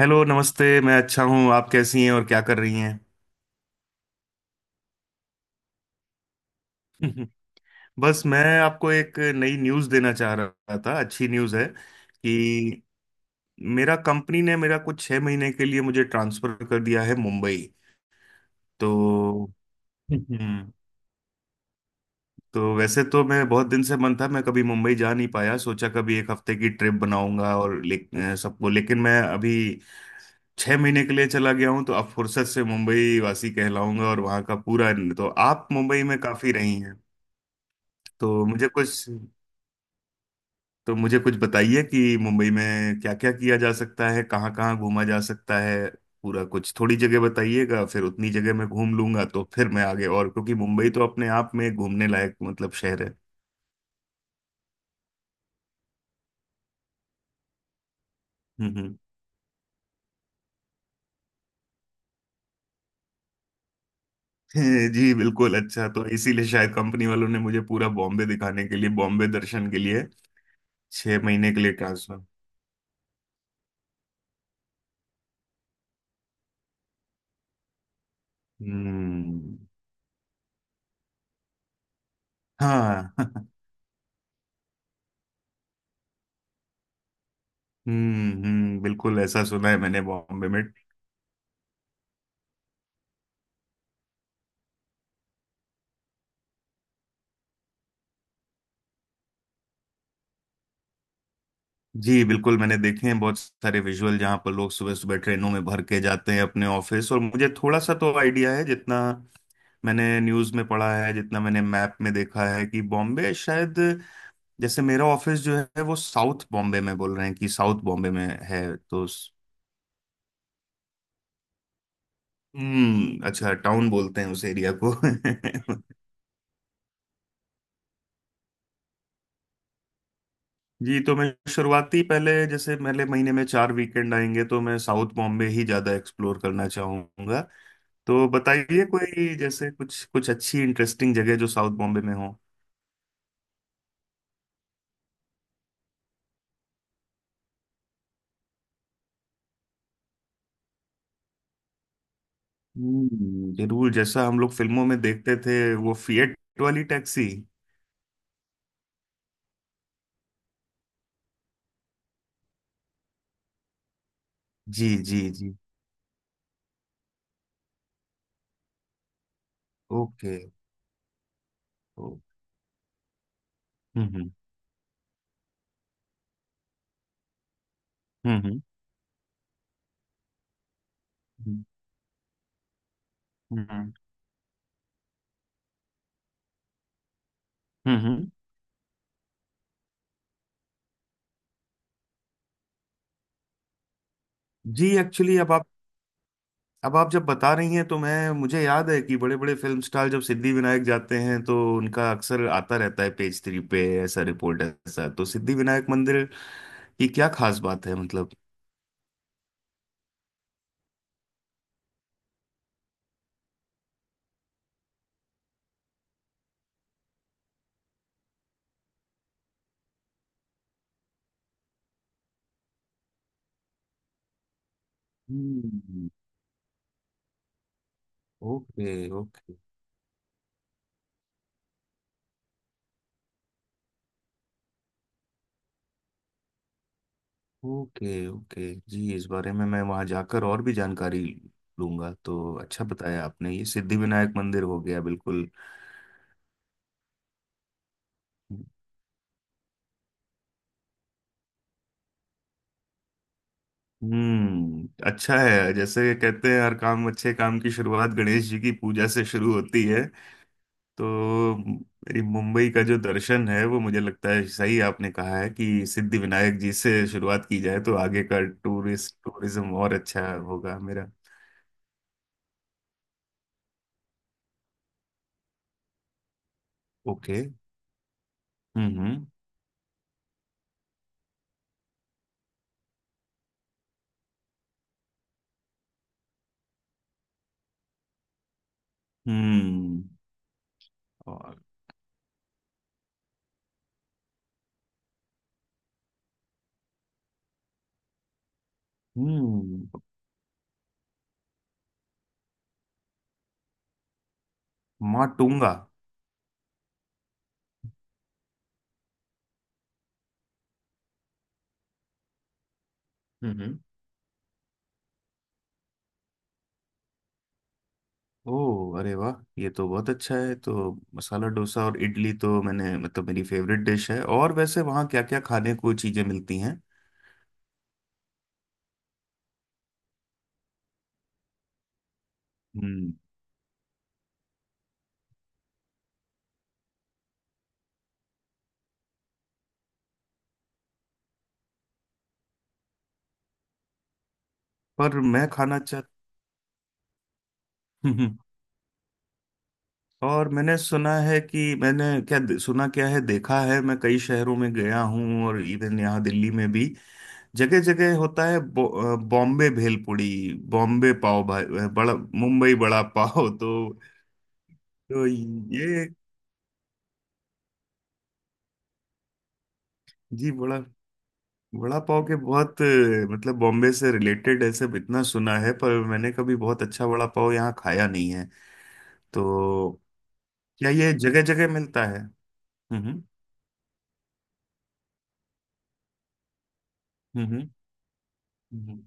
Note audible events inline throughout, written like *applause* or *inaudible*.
Hello, नमस्ते। मैं अच्छा हूँ। आप कैसी हैं और क्या कर रही हैं? *laughs* बस मैं आपको एक नई न्यूज़ देना चाह रहा था। अच्छी न्यूज़ है कि मेरा कंपनी ने मेरा कुछ 6 महीने के लिए मुझे ट्रांसफ़र कर दिया है मुंबई। तो *laughs* हम्म तो वैसे तो मैं बहुत दिन से मन था। मैं कभी मुंबई जा नहीं पाया। सोचा कभी एक हफ्ते की ट्रिप बनाऊंगा और सबको। लेकिन मैं अभी 6 महीने के लिए चला गया हूँ, तो अब फुर्सत से मुंबई वासी कहलाऊंगा और वहाँ का पूरा। तो आप मुंबई में काफ़ी रही हैं? तो मुझे कुछ तो मुझे कुछ बताइए कि मुंबई में क्या क्या किया जा सकता है, कहाँ कहाँ घूमा जा सकता है। पूरा कुछ थोड़ी जगह बताइएगा, फिर उतनी जगह मैं घूम लूंगा, तो फिर मैं आगे और, क्योंकि मुंबई तो अपने आप में घूमने लायक, मतलब, शहर है। हम्म, हम्म। *laughs* जी, बिल्कुल। अच्छा, तो इसीलिए शायद कंपनी वालों ने मुझे पूरा बॉम्बे दिखाने के लिए, बॉम्बे दर्शन के लिए 6 महीने के लिए ट्रांसफर। हम्म। हाँ। *laughs* हम्म, हम्म, बिल्कुल ऐसा सुना है मैंने बॉम्बे में। जी बिल्कुल, मैंने देखे हैं बहुत सारे विजुअल जहाँ पर लोग सुबह सुबह ट्रेनों में भर के जाते हैं अपने ऑफिस, और मुझे थोड़ा सा तो आइडिया है, जितना मैंने न्यूज़ में पढ़ा है, जितना मैंने मैप में देखा है कि बॉम्बे शायद, जैसे मेरा ऑफिस जो है वो साउथ बॉम्बे में, बोल रहे हैं कि साउथ बॉम्बे में है। हम्म, अच्छा। टाउन बोलते हैं उस एरिया को? *laughs* जी। तो मैं शुरुआती, पहले, जैसे पहले महीने में 4 वीकेंड आएंगे, तो मैं साउथ बॉम्बे ही ज़्यादा एक्सप्लोर करना चाहूँगा। तो बताइए कोई, जैसे कुछ कुछ अच्छी इंटरेस्टिंग जगह जो साउथ बॉम्बे में हो। हम्म, जरूर जैसा हम लोग फिल्मों में देखते थे, वो फिएट वाली टैक्सी। जी, जी, जी। ओके। ओ। हम्म, हम्म, हम्म, हम्म, हम्म, हम्म, हम्म। जी, एक्चुअली, अब आप जब बता रही हैं तो मैं मुझे याद है कि बड़े बड़े फिल्म स्टार जब सिद्धि विनायक जाते हैं तो उनका अक्सर आता रहता है पेज थ्री पे, ऐसा रिपोर्ट ऐसा। तो सिद्धि विनायक मंदिर की क्या खास बात है, मतलब? Hmm. Okay, okay, okay, okay. जी, इस बारे में मैं वहाँ जाकर और भी जानकारी लूंगा। तो अच्छा बताया आपने, ये सिद्धि विनायक मंदिर हो गया बिल्कुल। हम्म, अच्छा है। जैसे कहते हैं, हर काम, अच्छे काम की शुरुआत गणेश जी की पूजा से शुरू होती है। तो मेरी मुंबई का जो दर्शन है, वो मुझे लगता है सही आपने कहा है कि सिद्धि विनायक जी से शुरुआत की जाए तो आगे का टूरिस्ट, टूरिज्म और अच्छा होगा मेरा। ओके। हम्म, हम्म, हम्म। और? हम्म। माटुंगा? हम्म, ओह, अरे वाह, ये तो बहुत अच्छा है। तो मसाला डोसा और इडली तो मैंने, मतलब, मेरी फेवरेट डिश है। और वैसे वहाँ क्या क्या खाने को चीजें मिलती हैं? हम्म। पर मैं खाना चाह। *laughs* और मैंने सुना है कि मैंने, क्या सुना क्या है देखा है, मैं कई शहरों में गया हूँ और इवन यहाँ दिल्ली में भी, जगह जगह होता है बॉम्बे भेलपुड़ी, बॉम्बे पाव भाई, बड़ा, मुंबई बड़ा पाव, तो। तो ये, जी, बड़ा वड़ा पाव के बहुत, मतलब, बॉम्बे से रिलेटेड ऐसे इतना सुना है, पर मैंने कभी बहुत अच्छा वड़ा पाव यहाँ खाया नहीं है। तो क्या ये जगह जगह मिलता है? हम्म, हम्म, हम्म, हम्म। हम्म, हम्म।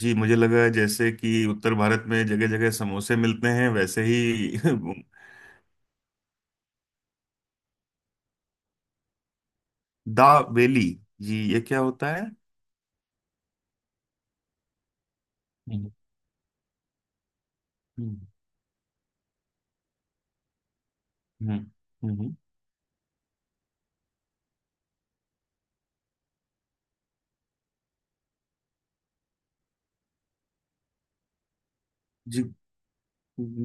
जी, मुझे लगा जैसे कि उत्तर भारत में जगह जगह समोसे मिलते हैं, वैसे ही। *laughs* दा बेली? जी, ये क्या होता है? हम्म, हम्म, हम्म, हम्म। जी,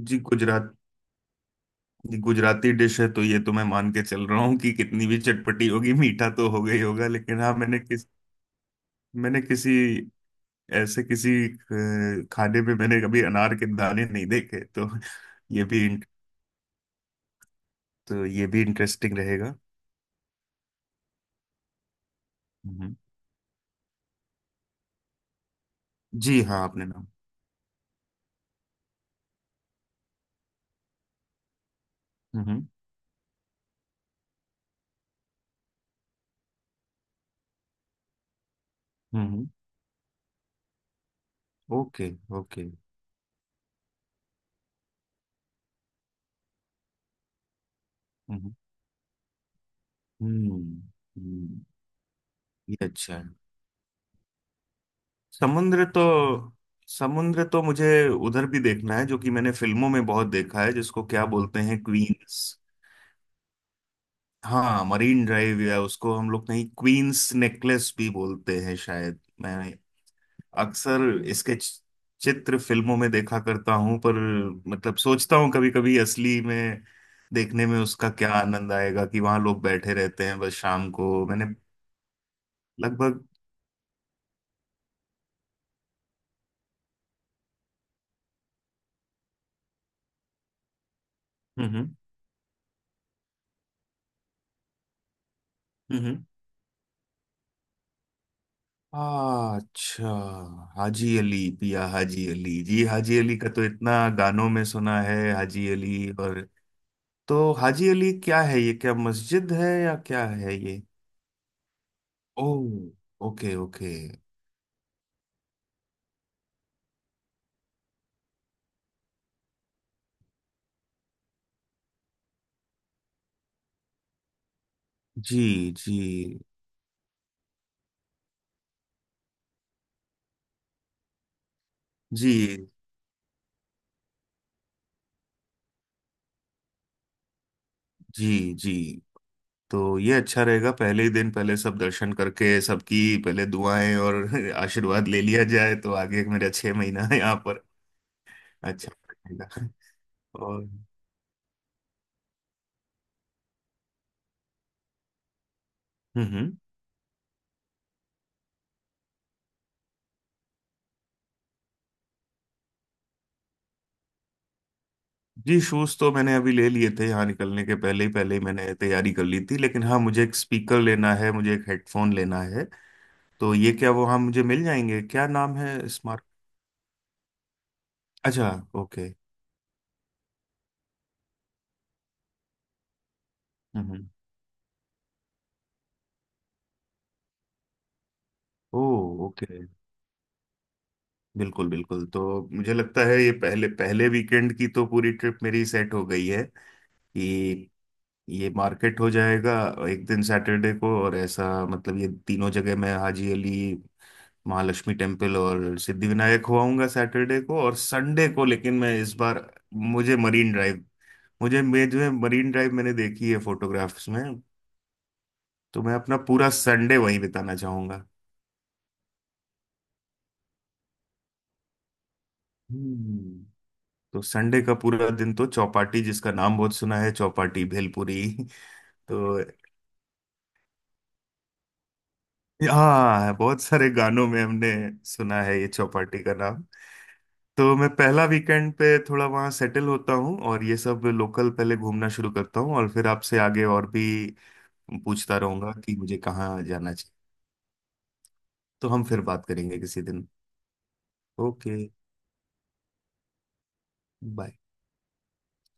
जी। गुजराती डिश है, तो ये तो मैं मान के चल रहा हूँ कि कितनी भी चटपटी होगी, मीठा तो हो गई होगा, लेकिन हाँ, मैंने मैंने किसी, ऐसे किसी खाने में मैंने कभी अनार के दाने नहीं देखे। तो ये भी तो ये भी इंटरेस्टिंग रहेगा। हम्म। जी, हाँ, आपने नाम। Hmm, hmm. Okay, okay. Hmm, हम्म, हम्म। ये अच्छा है। समुद्र तो समुद्र तो मुझे उधर भी देखना है, जो कि मैंने फिल्मों में बहुत देखा है, जिसको क्या बोलते हैं, क्वींस। हाँ, मरीन ड्राइव, या उसको हम लोग कहीं क्वींस नेकलेस भी बोलते हैं शायद। मैं अक्सर इसके चित्र फिल्मों में देखा करता हूं, पर, मतलब, सोचता हूँ कभी कभी असली में देखने में उसका क्या आनंद आएगा कि वहां लोग बैठे रहते हैं, बस शाम को, मैंने लगभग। हम्म, हम्म, अच्छा। हाजी अली, पिया हाजी अली जी, हाजी अली का तो इतना गानों में सुना है, हाजी अली और। तो हाजी अली क्या है, ये क्या मस्जिद है, या क्या है ये? ओ। Okay, okay. जी, जी, जी, जी, जी। तो ये अच्छा रहेगा, पहले ही दिन पहले सब दर्शन करके सबकी पहले दुआएं और *laughs* आशीर्वाद ले लिया जाए, तो आगे मेरा 6 महीना है यहाँ पर। अच्छा रहेगा। और? हम्म, हम्म। जी, शूज तो मैंने अभी ले लिए थे, यहाँ निकलने के पहले ही, पहले ही मैंने तैयारी कर ली थी, लेकिन हाँ, मुझे एक स्पीकर लेना है, मुझे एक हेडफोन लेना है। तो ये क्या वो, हाँ, मुझे मिल जाएंगे? क्या नाम है, स्मार्ट? अच्छा। ओके। हम्म। ओ। ओके। बिल्कुल, बिल्कुल। तो मुझे लगता है ये पहले पहले वीकेंड की तो पूरी ट्रिप मेरी सेट हो गई है, कि ये मार्केट हो जाएगा एक दिन सैटरडे को, और ऐसा, मतलब, ये तीनों जगह, मैं हाजी अली, महालक्ष्मी टेम्पल और सिद्धिविनायक होआऊंगा सैटरडे को, और संडे को। लेकिन मैं इस बार, मुझे मरीन ड्राइव मुझे मैं जो है, मरीन ड्राइव मैंने देखी है फोटोग्राफ्स में, तो मैं अपना पूरा संडे वहीं बिताना चाहूंगा। हम्म। तो संडे का पूरा दिन तो चौपाटी, जिसका नाम बहुत सुना है, चौपाटी भेलपुरी। *laughs* तो हाँ, बहुत सारे गानों में हमने सुना है ये चौपाटी का नाम। तो मैं पहला वीकेंड पे थोड़ा वहाँ सेटल होता हूँ और ये सब लोकल पहले घूमना शुरू करता हूँ और फिर आपसे आगे और भी पूछता रहूंगा कि मुझे कहाँ जाना चाहिए। तो हम फिर बात करेंगे किसी दिन। ओके। बाय।